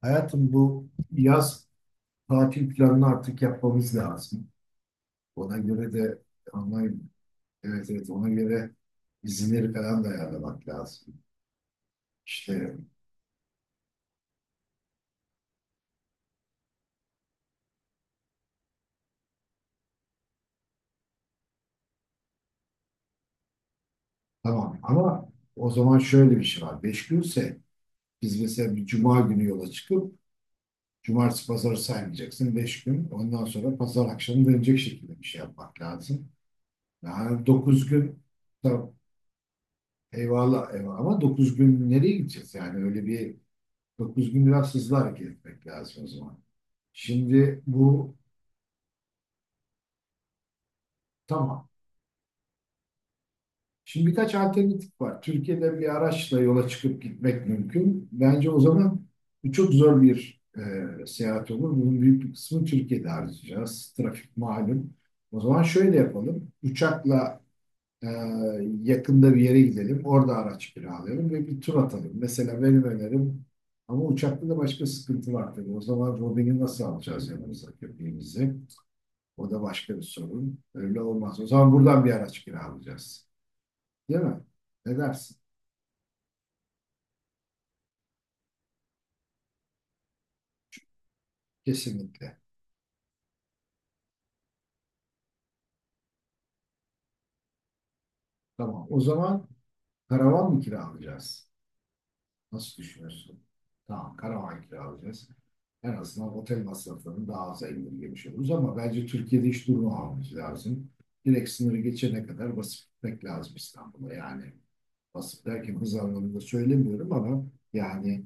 Hayatım bu yaz tatil planını artık yapmamız lazım. Ona göre de ama evet evet ona göre izinleri falan da ayarlamak lazım. İşte tamam ama o zaman şöyle bir şey var. Beş günse biz mesela bir cuma günü yola çıkıp cumartesi pazarı saymayacaksın. Beş gün ondan sonra pazar akşamı dönecek şekilde bir şey yapmak lazım. Yani 9 gün tamam, eyvallah eyvallah ama 9 gün nereye gideceğiz? Yani öyle bir 9 gün biraz hızlı hareket etmek lazım o zaman. Şimdi bu tamam. Şimdi birkaç alternatif var. Türkiye'de bir araçla yola çıkıp gitmek mümkün. Bence o zaman bu çok zor bir seyahat olur. Bunun büyük bir kısmını Türkiye'de harcayacağız. Trafik malum. O zaman şöyle yapalım. Uçakla e, yakında bir yere gidelim. Orada araç kiralayalım ve bir tur atalım. Mesela benim önerim ama uçakta da başka sıkıntı var tabii. O zaman Robin'i nasıl alacağız yanımıza köpeğimizi? O da başka bir sorun. Öyle olmaz. O zaman buradan bir araç kiralayacağız. Değil mi? Ne dersin? Kesinlikle. Tamam. O zaman karavan mı kiralayacağız? Nasıl düşünüyorsun? Tamam, karavan kiralayacağız. En azından otel masraflarını daha aza indirgemiş oluruz ama bence Türkiye'de hiç durmamamız lazım. Direkt sınırı geçene kadar basıp gitmek lazım İstanbul'a. Yani basıp derken hız anlamında söylemiyorum ama yani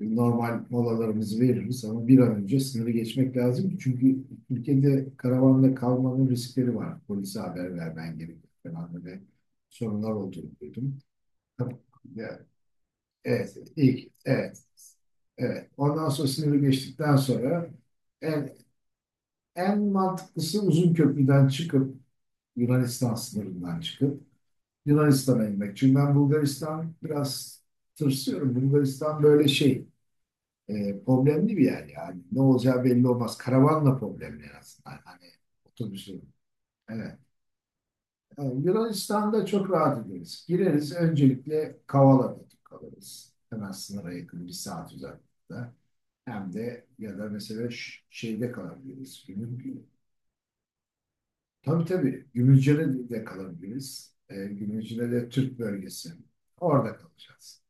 normal molalarımızı veririz ama bir an önce sınırı geçmek lazım. Çünkü ülkede karavanla kalmanın riskleri var. Polise haber vermen gerekiyor falan böyle sorunlar olduğunu duydum. Ya, evet, ilk, evet, evet. Ondan sonra sınırı geçtikten sonra en, en mantıklısı uzun köprüden çıkıp Yunanistan sınırından çıkıp Yunanistan'a inmek. Çünkü ben Bulgaristan biraz tırsıyorum. Bulgaristan böyle şey problemli bir yer yani. Ne olacağı belli olmaz. Karavanla problemli aslında. Hani otobüsün. Evet. Yani Yunanistan'da çok rahat ederiz. Gireriz öncelikle Kavala'da kalırız. Hemen sınıra yakın bir saat uzaklıkta. Hem de ya da mesela şeyde kalabiliriz. Tabii tabii. Gümülcine de kalabiliriz. Gümülcine de Türk bölgesi. Orada kalacağız.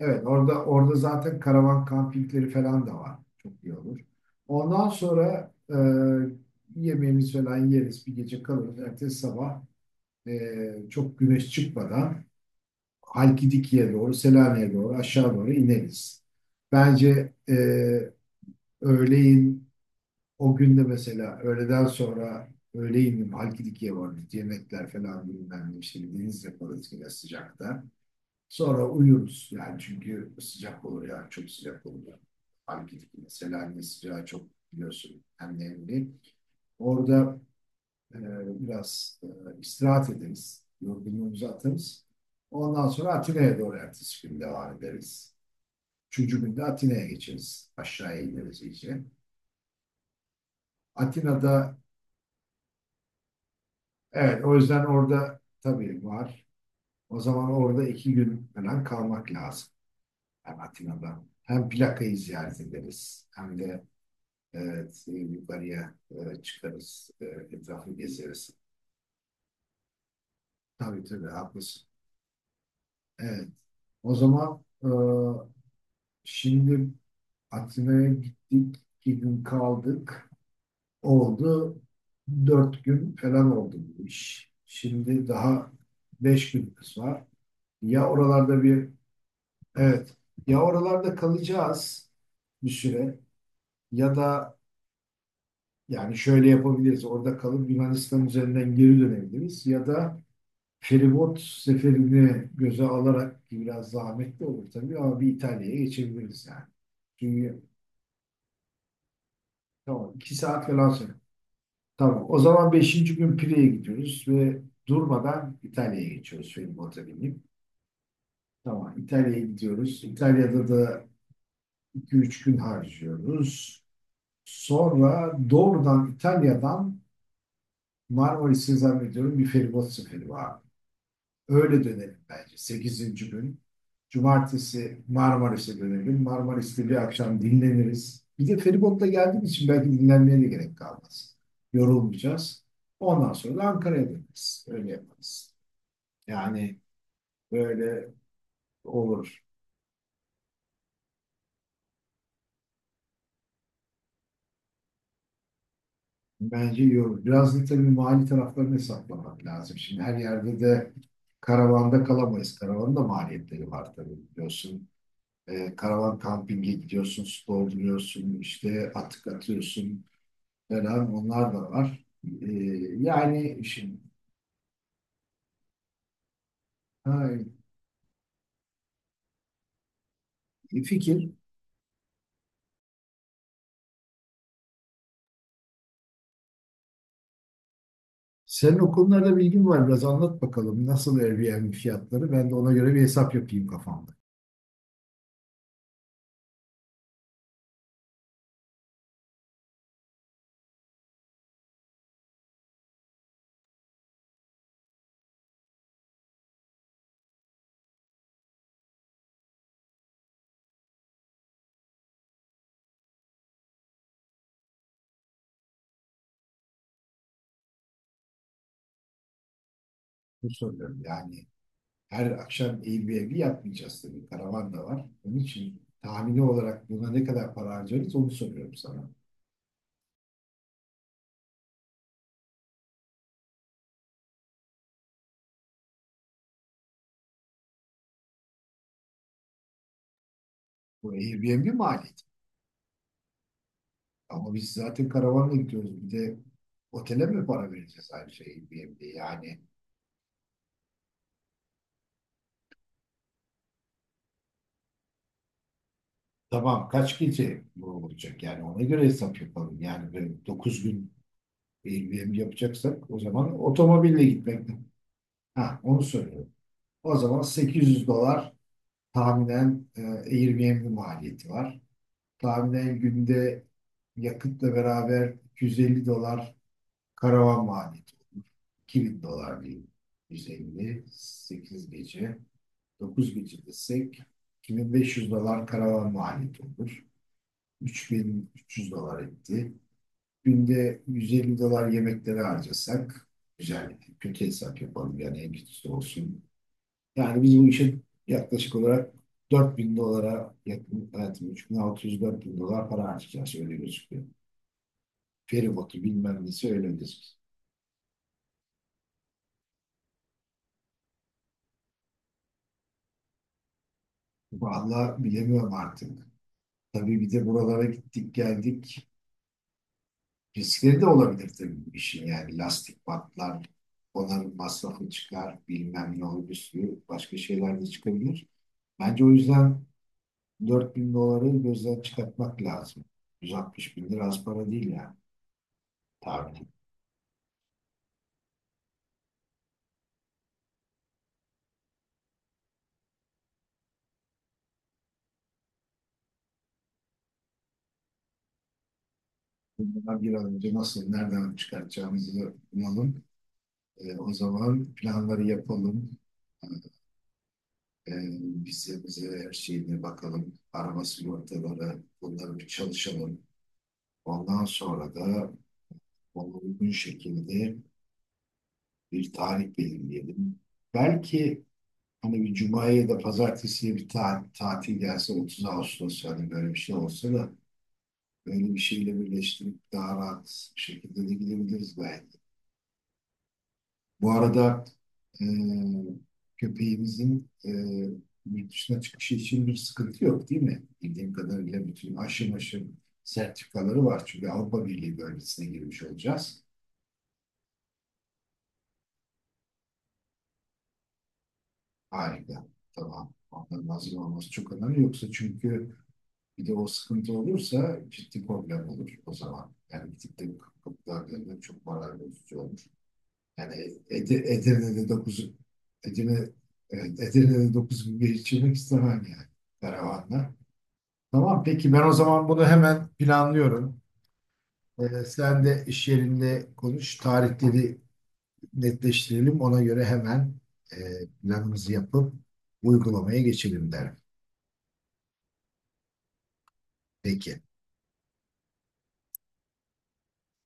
Evet, orada zaten karavan kampingleri falan da var. Çok iyi olur. Ondan sonra yemeğimiz falan yeriz, bir gece kalırız. Ertesi sabah çok güneş çıkmadan Halkidiki'ye doğru, Selanik'e doğru, aşağı doğru ineriz. Bence öğleyin o günde mesela öğleden sonra öğleyin Halkidiki'ye varırız. Yemekler falan bilmem ne işte bir deniz yaparız yine sıcakta. Sonra uyuruz yani çünkü sıcak olur ya çok sıcak olur. Ya. Mesela ne sıcağı çok biliyorsun hem nemli. Orada e, biraz istirahat ederiz. Yorgunluğumuzu atarız. Ondan sonra Atina'ya doğru ertesi gün devam ederiz. Üçüncü günde Atina'ya geçeriz. Aşağıya ineriz iyice. Atina'da evet o yüzden orada tabii var. O zaman orada 2 gün falan kalmak lazım. Hem Atina'da hem plakayı ziyaret ederiz. Hem de evet, yukarıya çıkarız, etrafı gezeriz. Tabii tabii, haklısın. Evet, o zaman şimdi Atina'ya gittik, 2 gün kaldık. Oldu, 4 gün falan oldu bu iş. Şimdi daha beş günümüz var. Ya oralarda bir, evet, ya oralarda kalacağız bir süre ya da yani şöyle yapabiliriz, orada kalıp Yunanistan üzerinden geri dönebiliriz ya da feribot seferini göze alarak ki biraz zahmetli olur tabii ama bir İtalya'ya geçebiliriz yani. Çünkü tamam 2 saat falan sonra. Tamam o zaman beşinci gün Pire'ye gidiyoruz ve durmadan İtalya'ya geçiyoruz feribota binip. Tamam İtalya'ya gidiyoruz. İtalya'da da 2 3 gün harcıyoruz. Sonra doğrudan İtalya'dan Marmaris'e zannediyorum bir feribot seferi var. Öyle dönelim bence. Sekizinci gün. Cumartesi Marmaris'e dönelim. Marmaris'te bir akşam dinleniriz. Bir de feribotla geldiğimiz için belki dinlenmeye de gerek kalmaz. Yorulmayacağız. Ondan sonra da Ankara'ya döneriz. Öyle yaparız. Yani böyle olur. Bence iyi olur. Biraz da tabii mali taraflarını hesaplamak lazım. Şimdi her yerde de karavanda kalamayız. Karavanın da maliyetleri var tabii biliyorsun. Karavan kampinge gidiyorsun, su dolduruyorsun, işte atık atıyorsun, beraber onlar da var. Ee, yani şimdi ha, fikir. Senin o konularda bilgin var. Biraz anlat bakalım. Nasıl Airbnb fiyatları? Ben de ona göre bir hesap yapayım kafamda. Bu söylüyorum. Yani her akşam Airbnb yapmayacağız tabii. Karavan da var. Onun için tahmini olarak buna ne kadar para harcarız onu soruyorum sana. Bu Airbnb maliyeti. Ama biz zaten karavanla gidiyoruz. Bir de otele mi para vereceğiz ayrıca Airbnb? Yani tamam kaç gece bu olacak yani ona göre hesap yapalım. Yani böyle 9 gün Airbnb yapacaksak o zaman otomobille gitmek. Ha onu söylüyorum. O zaman 800 dolar tahminen Airbnb maliyeti var. Tahminen günde yakıtla beraber 250 dolar karavan maliyeti olur. 2000 dolar diyeyim. 158 gece. 9 gece desek 2500 dolar karavan maliyeti olur. 3300 dolar etti. Günde 150 dolar yemeklere harcasak güzel. Kötü hesap yapalım yani en kötüsü olsun. Yani biz bu işe yaklaşık olarak 4000 dolara yakın, evet 3600-4000 dolar para harcayacağız öyle gözüküyor. Feribotu bilmem nesi öyle gözüküyor. Vallahi bilemiyorum artık. Tabii bir de buralara gittik geldik. Riskleri de olabilir tabii bu işin yani lastik patlar, onarım masrafı çıkar, bilmem ne olur bir sürü başka şeyler de çıkabilir. Bence o yüzden 4000 doları gözden çıkartmak lazım. 160 bin lira az para değil yani tahmin. Bundan bir an önce nasıl, nereden çıkartacağımızı bulalım. O zaman planları yapalım. E, bize her şeyine bakalım. Araba sigortaları, bunları bir çalışalım. Ondan sonra da ona uygun şekilde bir tarih belirleyelim. Belki hani bir cumaya ya da pazartesiye bir tatil gelse 30 Ağustos yani böyle bir şey olsa da böyle bir şeyle birleştirip daha rahat bir şekilde de gidebiliriz belki. Bu arada e, köpeğimizin yurt dışına çıkışı için bir sıkıntı yok değil mi? Bildiğim kadarıyla bütün aşım sertifikaları var. Çünkü Avrupa Birliği bölgesine girmiş olacağız. Harika. Tamam. Onların hazır olması çok önemli. Yoksa çünkü bir de o sıkıntı olursa ciddi problem olur o zaman. Yani bir tık da kıtlığa dönmek çok moral bozucu olur. Yani Ede, Edirne'de 9 Edirne, evet, Edirne'de 9 gün geçirmek istemem yani karavanla. Tamam peki ben o zaman bunu hemen planlıyorum. Sen de iş yerinde konuş. Tarihleri netleştirelim. Ona göre hemen e, planımızı yapıp uygulamaya geçelim derim. Peki.